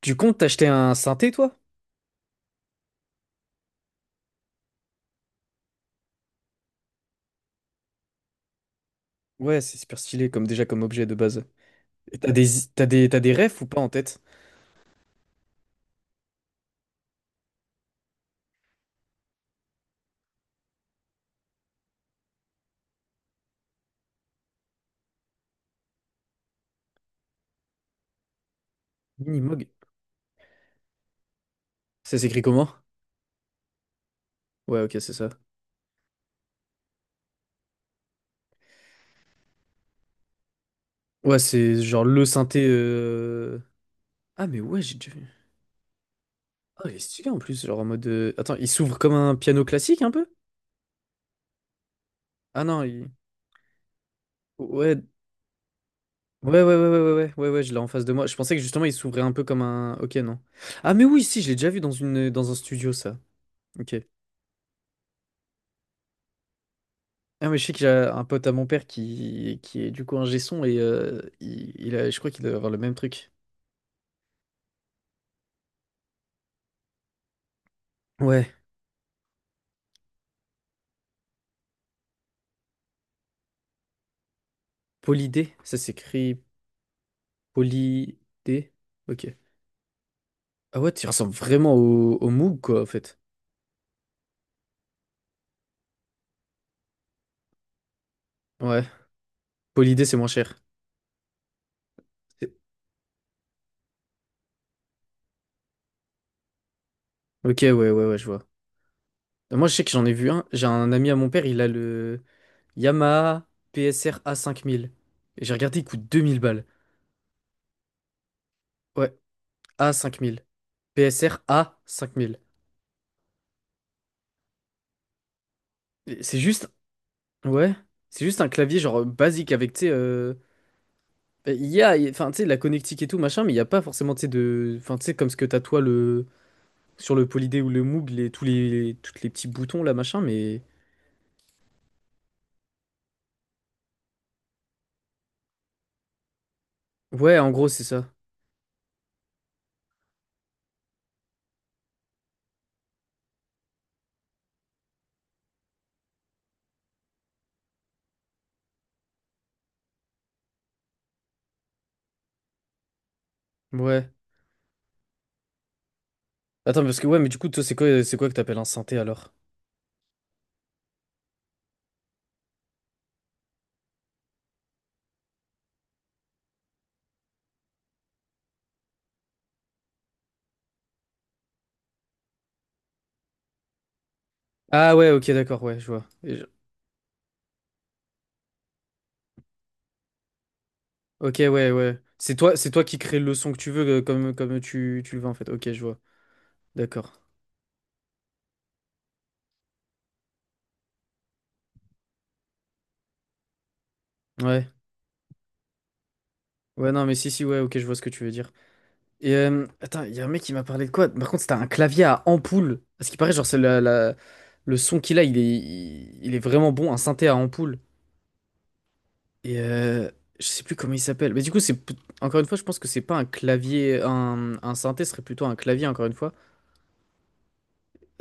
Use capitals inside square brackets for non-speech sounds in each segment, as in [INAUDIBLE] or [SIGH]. Tu comptes t'acheter un synthé, toi? Ouais, c'est super stylé, comme déjà comme objet de base. Et t'as des refs ou pas en tête? Minimog. Ça s'écrit comment? Ouais, ok, c'est ça. Ouais, c'est genre le synthé. Ah, mais ouais, j'ai déjà vu. Ah, il est stylé en plus, genre en mode. Attends, il s'ouvre comme un piano classique un peu? Ah non, il. Ouais. Ouais, ouais, ouais, ouais, ouais, ouais, ouais, ouais, je l'ai en face de moi. Je pensais que justement il s'ouvrait un peu comme un. Ok, non. Ah, mais oui, si, je l'ai déjà vu dans une, dans un studio, ça. Ok. Ah, mais je sais qu'il y a un pote à mon père qui est du coup un son et il a, je crois qu'il doit avoir le même truc. Ouais, Polydé, ça s'écrit Polydé. Ok. Ah ouais, tu ressembles vraiment au Moog, quoi, en fait. Ouais, Polydé, c'est moins cher. C'est- Ok, ouais, ouais, ouais, je vois. Moi, je sais que j'en ai vu un. J'ai un ami à mon père, il a le Yamaha PSR a cinq mille. Et j'ai regardé, il coûte 2000 balles. Ouais, A5000. Cinq PSR A5000. Et c'est juste. Ouais, c'est juste un clavier genre basique avec, tu sais, ben, il y a, enfin, tu sais, la connectique et tout, machin, mais il n'y a pas forcément, tu sais, de, enfin, tu sais, comme ce que t'as toi le, sur le Polydé ou le Moog, les, tous les, toutes les petits boutons là, machin, mais ouais, en gros, c'est ça. Ouais. Attends, parce que ouais, mais du coup, toi, c'est quoi que t'appelles un synthé alors? Ah ouais, ok, d'accord, ouais, je vois. Ok, ouais, ouais. C'est toi qui crée le son que tu veux, comme tu le veux en fait. Ok, je vois. D'accord. Ouais. Ouais, non, mais si, si, ouais, ok, je vois ce que tu veux dire. Et attends, il y a un mec qui m'a parlé de quoi? Par contre, c'était un clavier à ampoule. Parce qu'il paraît, genre, c'est le son qu'il a, il est vraiment bon, un synthé à ampoule. Et je sais plus comment il s'appelle. Mais du coup, encore une fois, je pense que c'est pas un clavier. Un synthé serait plutôt un clavier, encore une fois.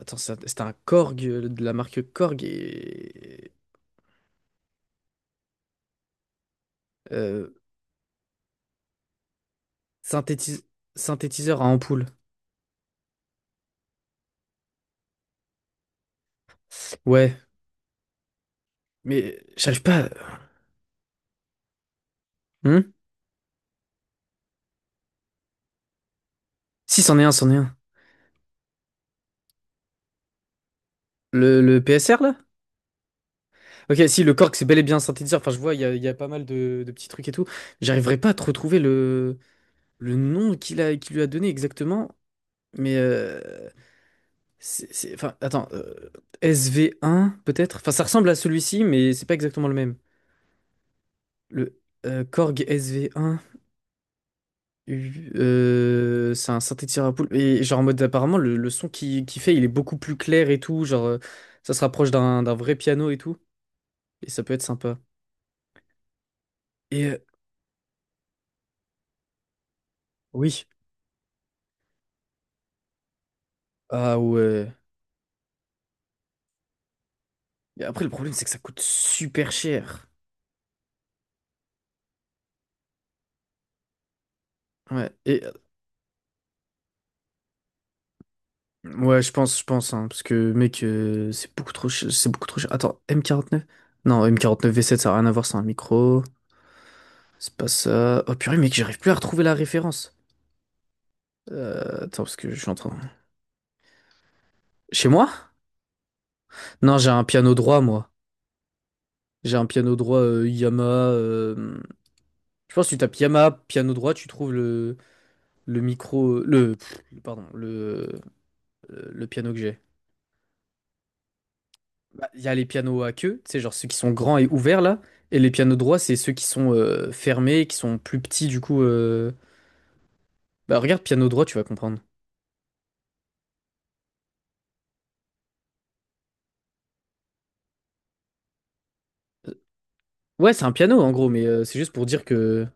Attends, c'était un Korg de la marque Korg et. euh, synthétis- synthétiseur à ampoule. Ouais, mais j'arrive pas. Hmm. Si, c'en est un, c'en est un. Le PSR, là? Ok, si le cork c'est bel et bien un synthétiseur, enfin je vois, il y a pas mal de petits trucs et tout. J'arriverai pas à te retrouver le nom qu'il a, qu'il lui a donné exactement, mais enfin attends, SV1 peut-être? Enfin ça ressemble à celui-ci, mais c'est pas exactement le même. Le Korg SV1, c'est un synthétiseur à poule. Et genre en mode apparemment le son qu'il fait il est beaucoup plus clair et tout, genre ça se rapproche d'un vrai piano et tout, et ça peut être sympa. Et oui, ah ouais. Et après, le problème, c'est que ça coûte super cher. Ouais, et ouais, je pense, hein, parce que mec, c'est beaucoup trop cher, c'est beaucoup trop cher. Attends, m quarante neuf. Non, m quarante neuf V7, ça a rien à voir, c'est un micro. C'est pas ça. Oh purée, mec, j'arrive plus à retrouver la référence. Attends, parce que je suis en train. Chez moi? Non, j'ai un piano droit, moi. J'ai un piano droit Yamaha. euh, Je pense que tu tapes Yamaha piano droit, tu trouves le micro, pardon, le piano que j'ai. Bah, il y a les pianos à queue, c'est genre ceux qui sont grands et ouverts là, et les pianos droits, c'est ceux qui sont fermés, qui sont plus petits du coup. Bah regarde piano droit, tu vas comprendre. Euh, Ouais, c'est un piano en gros, mais c'est juste pour dire que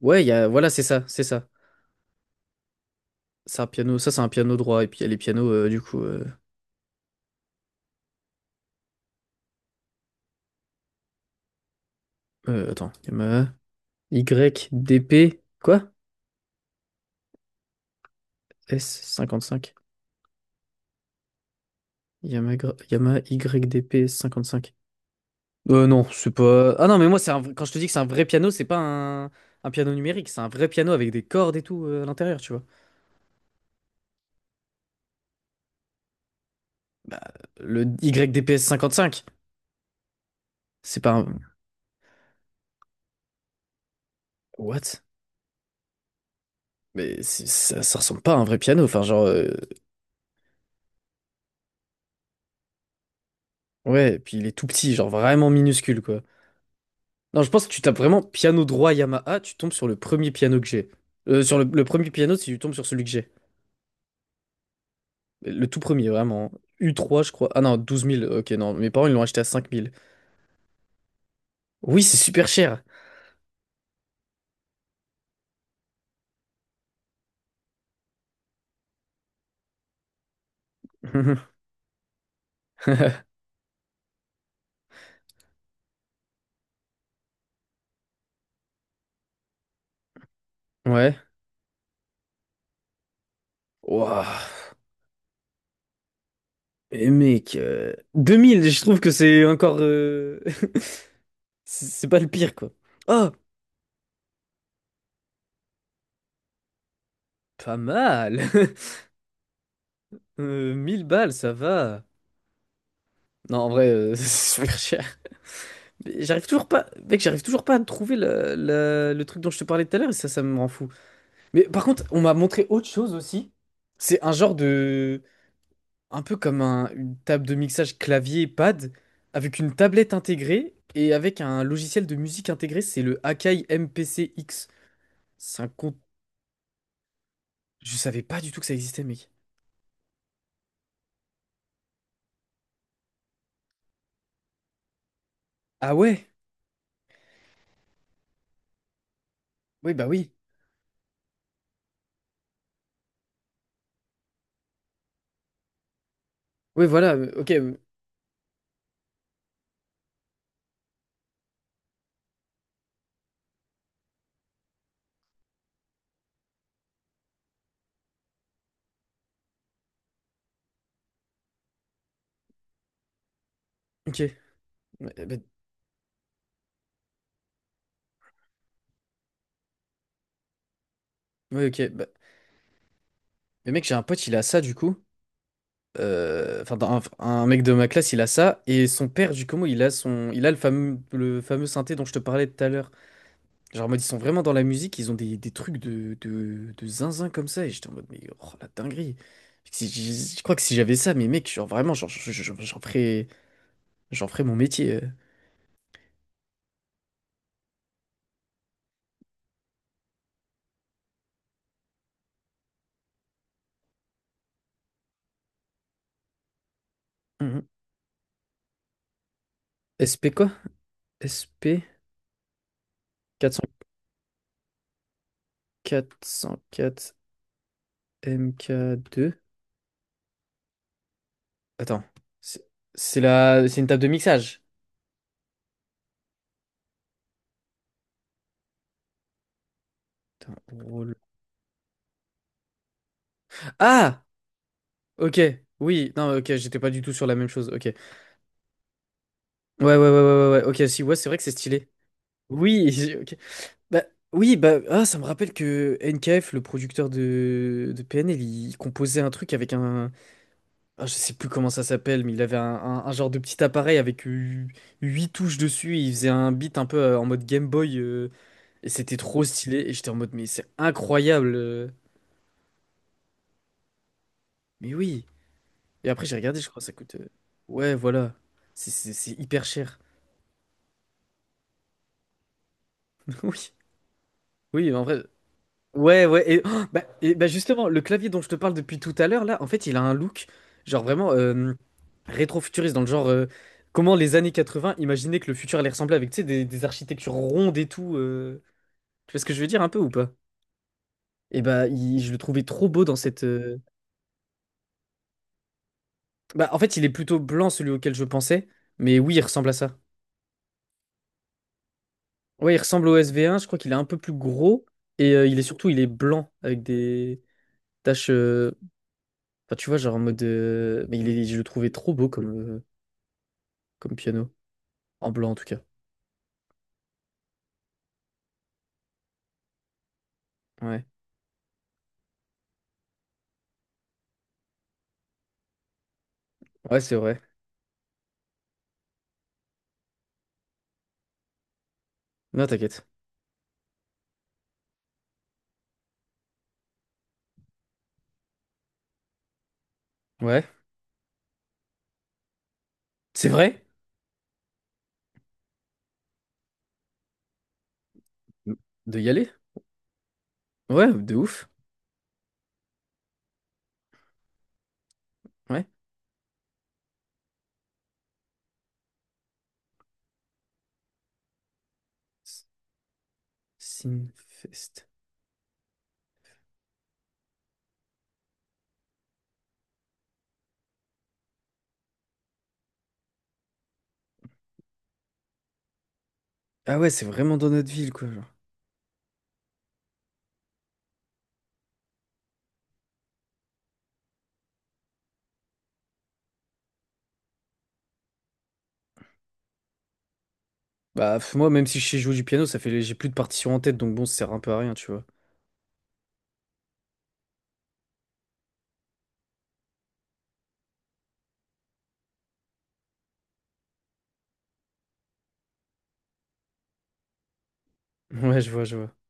ouais, il y a voilà, c'est ça, c'est ça. C'est un piano, ça c'est un piano droit, et puis il y a les pianos du coup. Attends, Yamaha YDP quoi? S cinquante cinq. Yamaha, Yamaha YDP s cinq. Non, c'est pas. Ah non, mais moi, c'est un... quand je te dis que c'est un vrai piano, c'est pas un... un piano numérique, c'est un vrai piano avec des cordes et tout à l'intérieur, tu vois. Le YDPS 55, c'est pas un. What? Mais ça, ça ressemble pas à un vrai piano, enfin, genre. Ouais, puis il est tout petit, genre vraiment minuscule, quoi. Non, je pense que tu tapes vraiment piano droit Yamaha, tu tombes sur le premier piano que j'ai. Sur le premier piano, si tu tombes sur celui que j'ai. Le tout premier, vraiment. U3, je crois. Ah non, 12 000. Ok, non, mes parents, ils l'ont acheté à 5000. Oui, c'est super cher. [LAUGHS] Ouais. Waouh, et mec, 2000, je trouve que c'est encore... [LAUGHS] C'est pas le pire, quoi. Oh, pas mal. [LAUGHS] 1000 balles, ça va. Non, en vrai, [LAUGHS] c'est super cher. Mais j'arrive toujours pas... Mec, j'arrive toujours pas à trouver le truc dont je te parlais tout à l'heure, et ça me rend fou. Mais par contre, on m'a montré autre chose aussi. C'est un genre de... un peu comme une table de mixage clavier-pad, avec une tablette intégrée et avec un logiciel de musique intégré, c'est le Akai MPC-X. C'est un compte... Je savais pas du tout que ça existait, mec. Ah ouais? Oui, bah oui. Oui, voilà, ok, ok. Ouais, bah, ouais, ok. Bah. Mais mec, j'ai un pote, il a ça, du coup. Enfin, un mec de ma classe, il a ça. Et son père, du coup, il a son... Il a le fameux synthé dont je te parlais tout à l'heure. Genre, en mode, ils sont vraiment dans la musique, ils ont des trucs de zinzin comme ça. Et j'étais en mode, mais oh la dinguerie. Je crois que si j'avais ça, mais mec, genre vraiment, genre, j'en ferais mon métier. Mhm. SP quoi? SP 404 MK2. Attends, c'est c'est une table de mixage. Attends, roll. Ah! Ok, oui, non, ok, j'étais pas du tout sur la même chose. Ok. Ouais, ouais, ouais, ouais, ouais, ouais, ok, si, ouais, c'est vrai que c'est stylé. Oui, [LAUGHS] Bah, oui, bah, ah, ça me rappelle que NKF, le producteur de PNL, il composait un truc avec un. Ah, je sais plus comment ça s'appelle, mais il avait un, un genre de petit appareil avec 8 touches dessus. Et il faisait un beat un peu en mode Game Boy. Et c'était trop stylé. Et j'étais en mode, mais c'est incroyable. Mais oui. Et après, j'ai regardé, je crois ça coûte. Ouais, voilà. C'est hyper cher. [LAUGHS] Oui. Oui, en vrai. Ouais, ouais, et, oh, bah, et bah justement, le clavier dont je te parle depuis tout à l'heure, là, en fait, il a un look, genre vraiment rétro-futuriste, dans le genre, comment les années 80 imaginaient que le futur allait ressembler avec, tu sais, des architectures rondes et tout. Tu vois ce que je veux dire un peu ou pas? Et bah, je le trouvais trop beau dans cette. Bah, en fait, il est plutôt blanc, celui auquel je pensais, mais oui, il ressemble à ça. Ouais, il ressemble au SV1, je crois qu'il est un peu plus gros, et il est surtout, il est blanc, avec des taches. Enfin, tu vois, genre en mode. Mais il est, je le trouvais trop beau comme. Comme piano. En blanc, en tout cas. Ouais. Ouais, c'est vrai. Non, t'inquiète. Ouais. C'est vrai? De y aller? Ouais, de ouf. Ouais. S- Sinfest. Ah ouais, c'est vraiment dans notre ville, quoi, genre. Bah, moi, même si je sais jouer du piano, ça fait... J'ai plus de partition en tête, donc bon, ça sert un peu à rien, tu vois. [LAUGHS] Ouais, je vois, je vois.